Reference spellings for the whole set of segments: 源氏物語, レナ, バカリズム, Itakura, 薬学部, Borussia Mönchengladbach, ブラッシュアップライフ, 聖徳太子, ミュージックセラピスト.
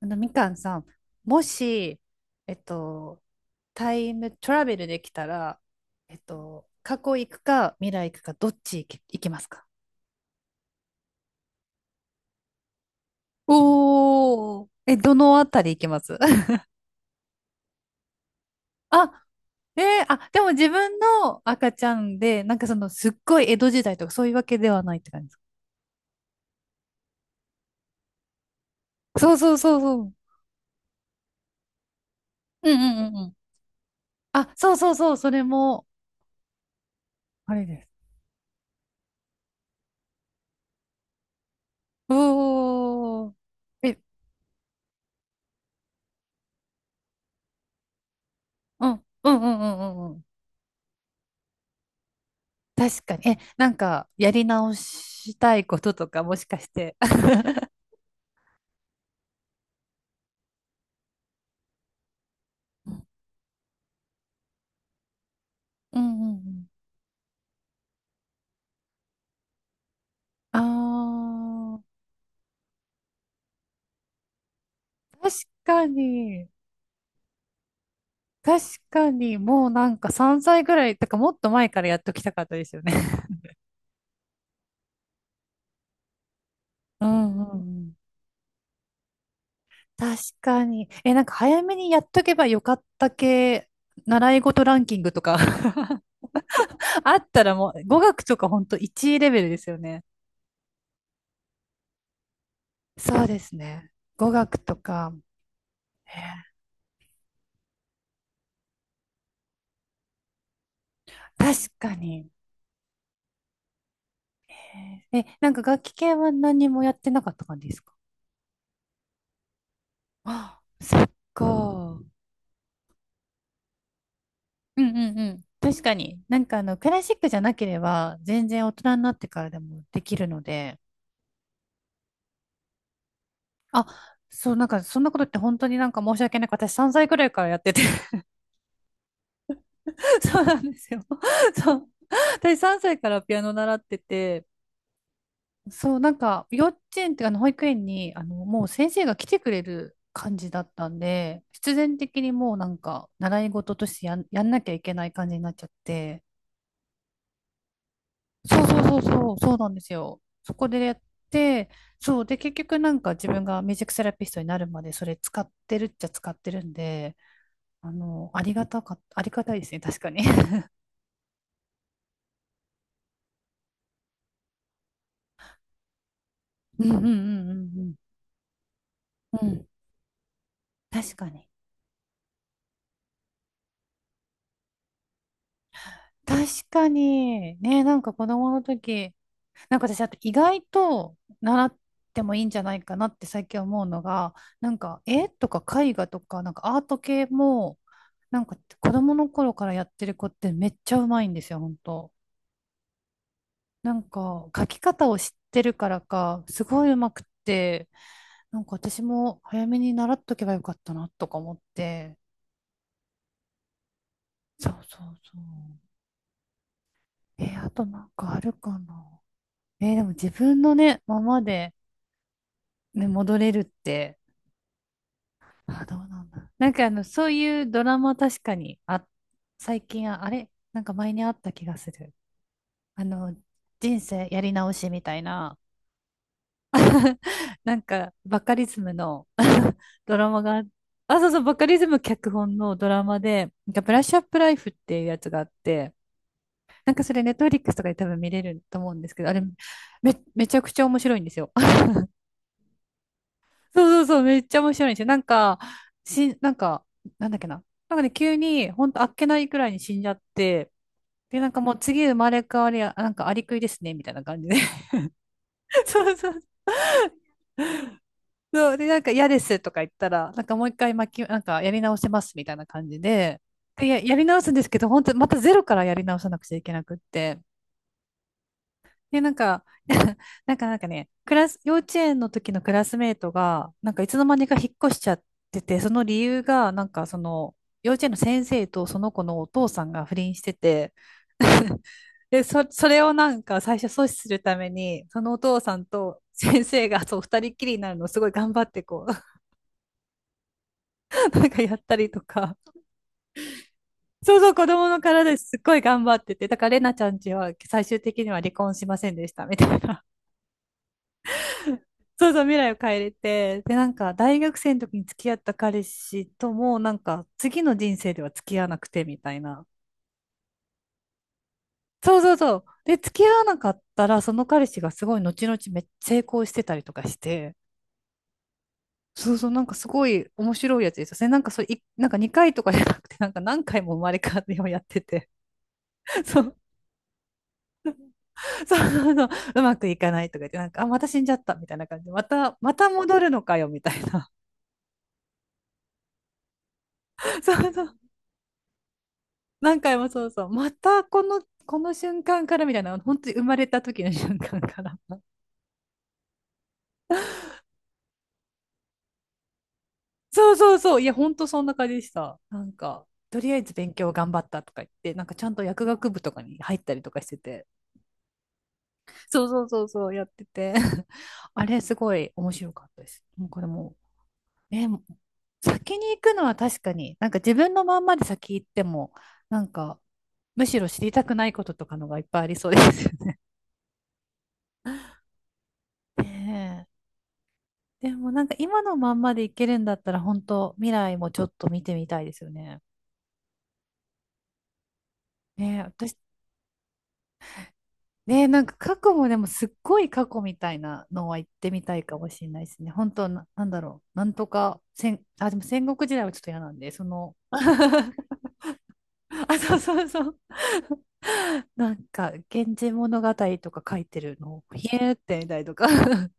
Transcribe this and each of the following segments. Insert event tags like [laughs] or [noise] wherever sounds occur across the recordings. あの、みかんさん、もし、えっと、タイムトラベルできたら、過去行くか未来行くか、どっち行き、行きますか？おー、え、どのあたり行きます？ [laughs] あ、でも自分の赤ちゃんで、なんかその、すっごい江戸時代とかそういうわけではないって感じですか？そうそうそうそう。うんうんうんうん。あ、そうそうそう、それも、あれです。おー、え、うん、うんうんうんうんうん。確かに。え、なんか、やり直したいこととか、もしかして。[laughs] うんうんうんあー、確かに。確かに、もうなんか3歳ぐらい、とかもっと前からやっときたかったですよね。[laughs] うんうんうん確かに。え、なんか早めにやっとけばよかった系、習い事ランキングとか [laughs] あったらもう、語学とかほんと1レベルですよね。そうですね。語学とか、えー確かに。え、なんか楽器系は何もやってなかった感じですか？あ、そっか。うんうんうん。確かに。なんかあの、クラシックじゃなければ、全然大人になってからでもできるので。あ、そう、なんかそんなことって本当になんか申し訳ない。私3歳くらいからやってて [laughs] そうなんですよ。そう。私3歳からピアノ習ってて、そう、なんか、幼稚園っていうかあの保育園に、あの、もう先生が来てくれる感じだったんで、必然的にもうなんか、習い事としてやんなきゃいけない感じになっちゃって、そうそうそうそう、そうなんですよ。そこでやって、そう、で、結局なんか自分がミュージックセラピストになるまでそれ使ってるっちゃ使ってるんで、あの、ありがたか、ありがたいですね、確かに。[laughs] うんうんうんうんうん。うん、確かに。確かに。ね、なんか子供の時、なんか私、あと意外と習ってもいいんじゃないかなって最近思うのが、なんか絵とか絵画とか、なんかアート系も、なんか子供の頃からやってる子ってめっちゃうまいんですよ、本当。なんか描き方を知ってるからか、すごいうまくって、なんか私も早めに習っとけばよかったなとか思って。そうそうそう。あとなんかあるかな。でも自分のね、ままでね、戻れるって、あ、どうなんだ。なんかあの、そういうドラマ確かに、あ、最近あ、あれなんか前にあった気がする。あの、人生やり直しみたいな、なんかバカリズムの [laughs] ドラマがあ、あ、そうそう、バカリズム脚本のドラマで、なんかブラッシュアップライフっていうやつがあって、なんかそれネットフリックスとかで多分見れると思うんですけど、あれ、めちゃくちゃ面白いんですよ。そうそうそう、めっちゃ面白いんですよ。なんか、しなんか、なんだっけな。なんかね、急に、ほんとあっけないくらいに死んじゃって、で、なんかもう次生まれ変わりや、なんかアリクイですね、みたいな感じで。[laughs] そうそうそう。で、なんか嫌ですとか言ったら、なんかもう一回巻き、なんかやり直せます、みたいな感じで、で、やり直すんですけど、本当またゼロからやり直さなくちゃいけなくって。で、なんか、[laughs] なんかなんかね、クラス、幼稚園の時のクラスメートが、なんかいつの間にか引っ越しちゃってて、その理由が、なんかその、幼稚園の先生とその子のお父さんが不倫してて、[laughs] で、それをなんか最初阻止するために、そのお父さんと先生がそう二人っきりになるのをすごい頑張ってこう、[laughs] なんかやったりとか。そうそう、子供の体ですっごい頑張ってて、だからレナちゃんちは最終的には離婚しませんでした、みたいな。そうそう、未来を変えれて、で、なんか、大学生の時に付き合った彼氏とも、なんか、次の人生では付き合わなくて、みたいな。そうそうそう。で、付き合わなかったら、その彼氏がすごい後々めっちゃ成功してたりとかして、そうそう、なんかすごい面白いやつですよね。なんかそれ、いなんか2回とかじゃなくて、[laughs] なんか何回も生まれ変わってをやってて、[laughs] そう、そうそうそう、うまくいかないとか言って、なんか、あ、また死んじゃった、みたいな感じで、また、また戻るのかよ、みたいな。[laughs] そうそう。何回もそうそう。またこの、この瞬間からみたいな、本当に生まれた時の瞬間から。そうそうそう。いや、本当そんな感じでした。なんか、とりあえず勉強頑張ったとか言って、なんかちゃんと薬学部とかに入ったりとかしてて、そうそうそうそう、やってて。[laughs] あれ、すごい面白かったです。もうこれもう、え、先に行くのは確かに、なんか自分のまんまで先行っても、なんか、むしろ知りたくないこととかのがいっぱいありそうですよね。[laughs] ねえでもなんか今のまんまでいけるんだったら本当未来もちょっと見てみたいですよね。ねえ、私、ねえ、なんか過去もでもすっごい過去みたいなのは行ってみたいかもしれないですね。本当な、なんだろう。なんとか戦、あ、でも戦国時代はちょっと嫌なんで、その、[laughs] あ、そうそうそう。[laughs] なんか、源氏物語とか書いてるのを、ひえーってみたいとか [laughs]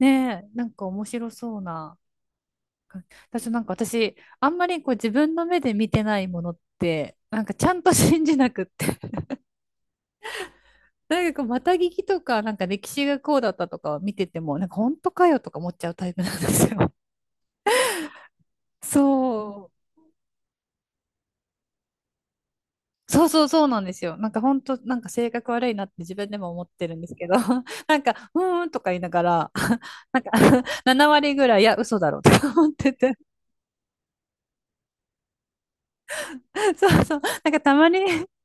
ねえ、なんか面白そうな私なんか私、あんまりこう自分の目で見てないものって、なんかちゃんと信じなくって。[laughs] なんかこう、また聞きとか、なんか歴史がこうだったとかを見てても、なんか本当かよとか思っちゃうタイプなんですよ。[laughs] そう。そうそうそうなんですよ。なんか本当、なんか性格悪いなって自分でも思ってるんですけど、[laughs] なんか、うーんとか言いながら、[laughs] なんか [laughs] 7割ぐらい、いや、嘘だろうとか思ってて、[laughs] そうそう、なんかたまに [laughs]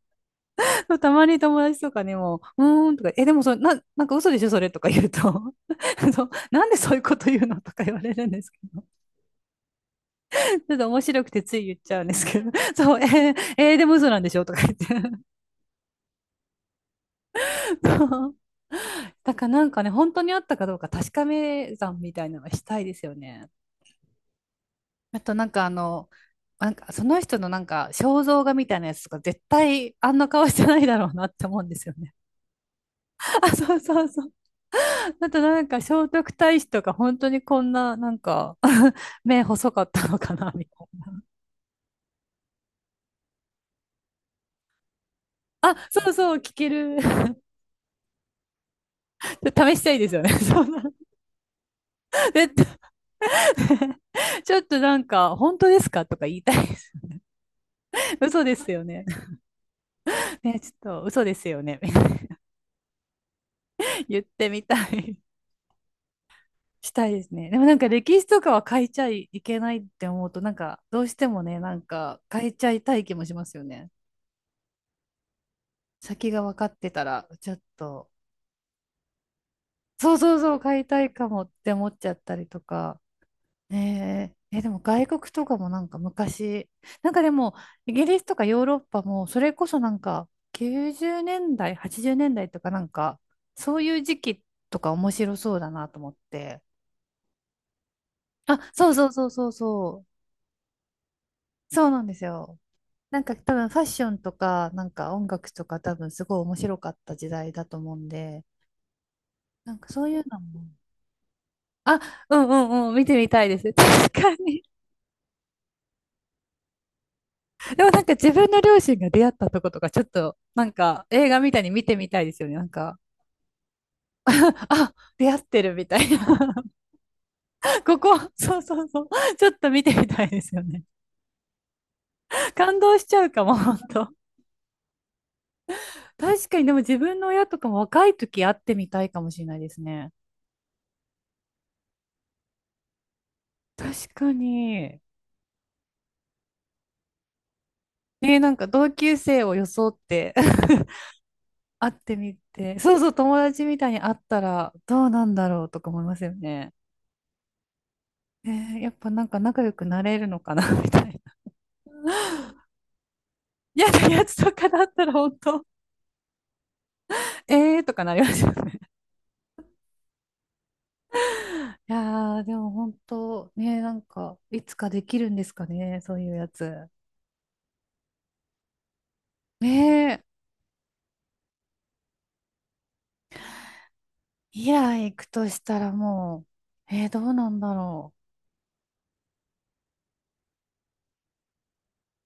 そう、たまに友達とかにも、うーんとか、え、でもそれ、なんか嘘でしょ、それとか言うと、[laughs] そう、なんでそういうこと言うのとか言われるんですけど、[laughs] ちょっと面白くてつい言っちゃうんですけど、[laughs] そう、でも嘘なんでしょとか言って。[laughs] そうだからなんかね、本当にあったかどうか確かめ算みたいなのがしたいですよね。あとなんかあの、なんかその人のなんか肖像画みたいなやつとか絶対あんな顔してないだろうなって思うんですよね。[laughs] あ、そうそうそう。あとなんか聖徳太子とか本当にこんななんか [laughs] 目細かったのかなみたいな。あ、そうそう、聞ける。[laughs] 試したいですよね。[laughs] そんな。絶対 [laughs] ちょっとなんか、本当ですかとか言いたいです。[laughs] 嘘ですよね。ね、ちょっと嘘ですよね。[laughs] 言ってみたい。[laughs] したいですね。でもなんか歴史とかは変えちゃいけないって思うと、なんかどうしてもね、なんか変えちゃいたい気もしますよね。先が分かってたら、ちょっと。そうそうそう、買いたいかもって思っちゃったりとか。ねえ、え、でも外国とかもなんか昔、なんかでもイギリスとかヨーロッパもそれこそなんか90年代、80年代とかなんかそういう時期とか面白そうだなと思って。あ、そうそうそうそうそう。そうなんですよ。なんか多分ファッションとかなんか音楽とか多分すごい面白かった時代だと思うんで、なんかそういうのも。あ、うんうんうん、見てみたいです。[laughs] 確かに。でもなんか自分の両親が出会ったとことか、ちょっとなんか映画みたいに見てみたいですよね。なんか、あ、出会ってるみたいな。[laughs] ここ、そうそうそう。ちょっと見てみたいですよね。感動しちゃうかも、本当。確かに、でも自分の親とかも若い時会ってみたいかもしれないですね。確かに。ね、なんか同級生を装って [laughs] 会ってみて、そうそう、友達みたいに会ったらどうなんだろうとか思いますよね。ね、やっぱなんか仲良くなれるのかな [laughs] みたいな。嫌なやつとかだったら本当、[laughs] ええーとかなりますよね。[laughs] いやー、でも本当、ね、なんか、いつかできるんですかね、そういうやつ。ねえ、イラ行くとしたらもう、どうなんだろ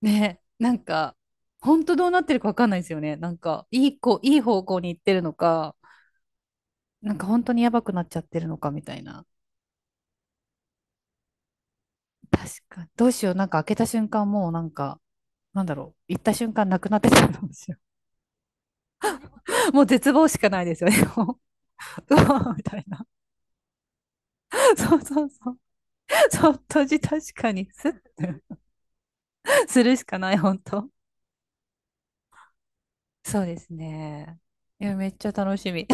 う。ねえ、なんか、本当どうなってるかわかんないですよね。なんか、いい子、いい方向に行ってるのか、なんか本当にやばくなっちゃってるのかみたいな。確かに。どうしよう、なんか開けた瞬間もうなんか、なんだろう、行った瞬間なくなってたかもしれない。[laughs] もう絶望しかないですよね。もううわみたいな。そうそうそう。ちょっとじ確かに、す [laughs] するしかない、本当。そうですね。いや、めっちゃ楽しみ。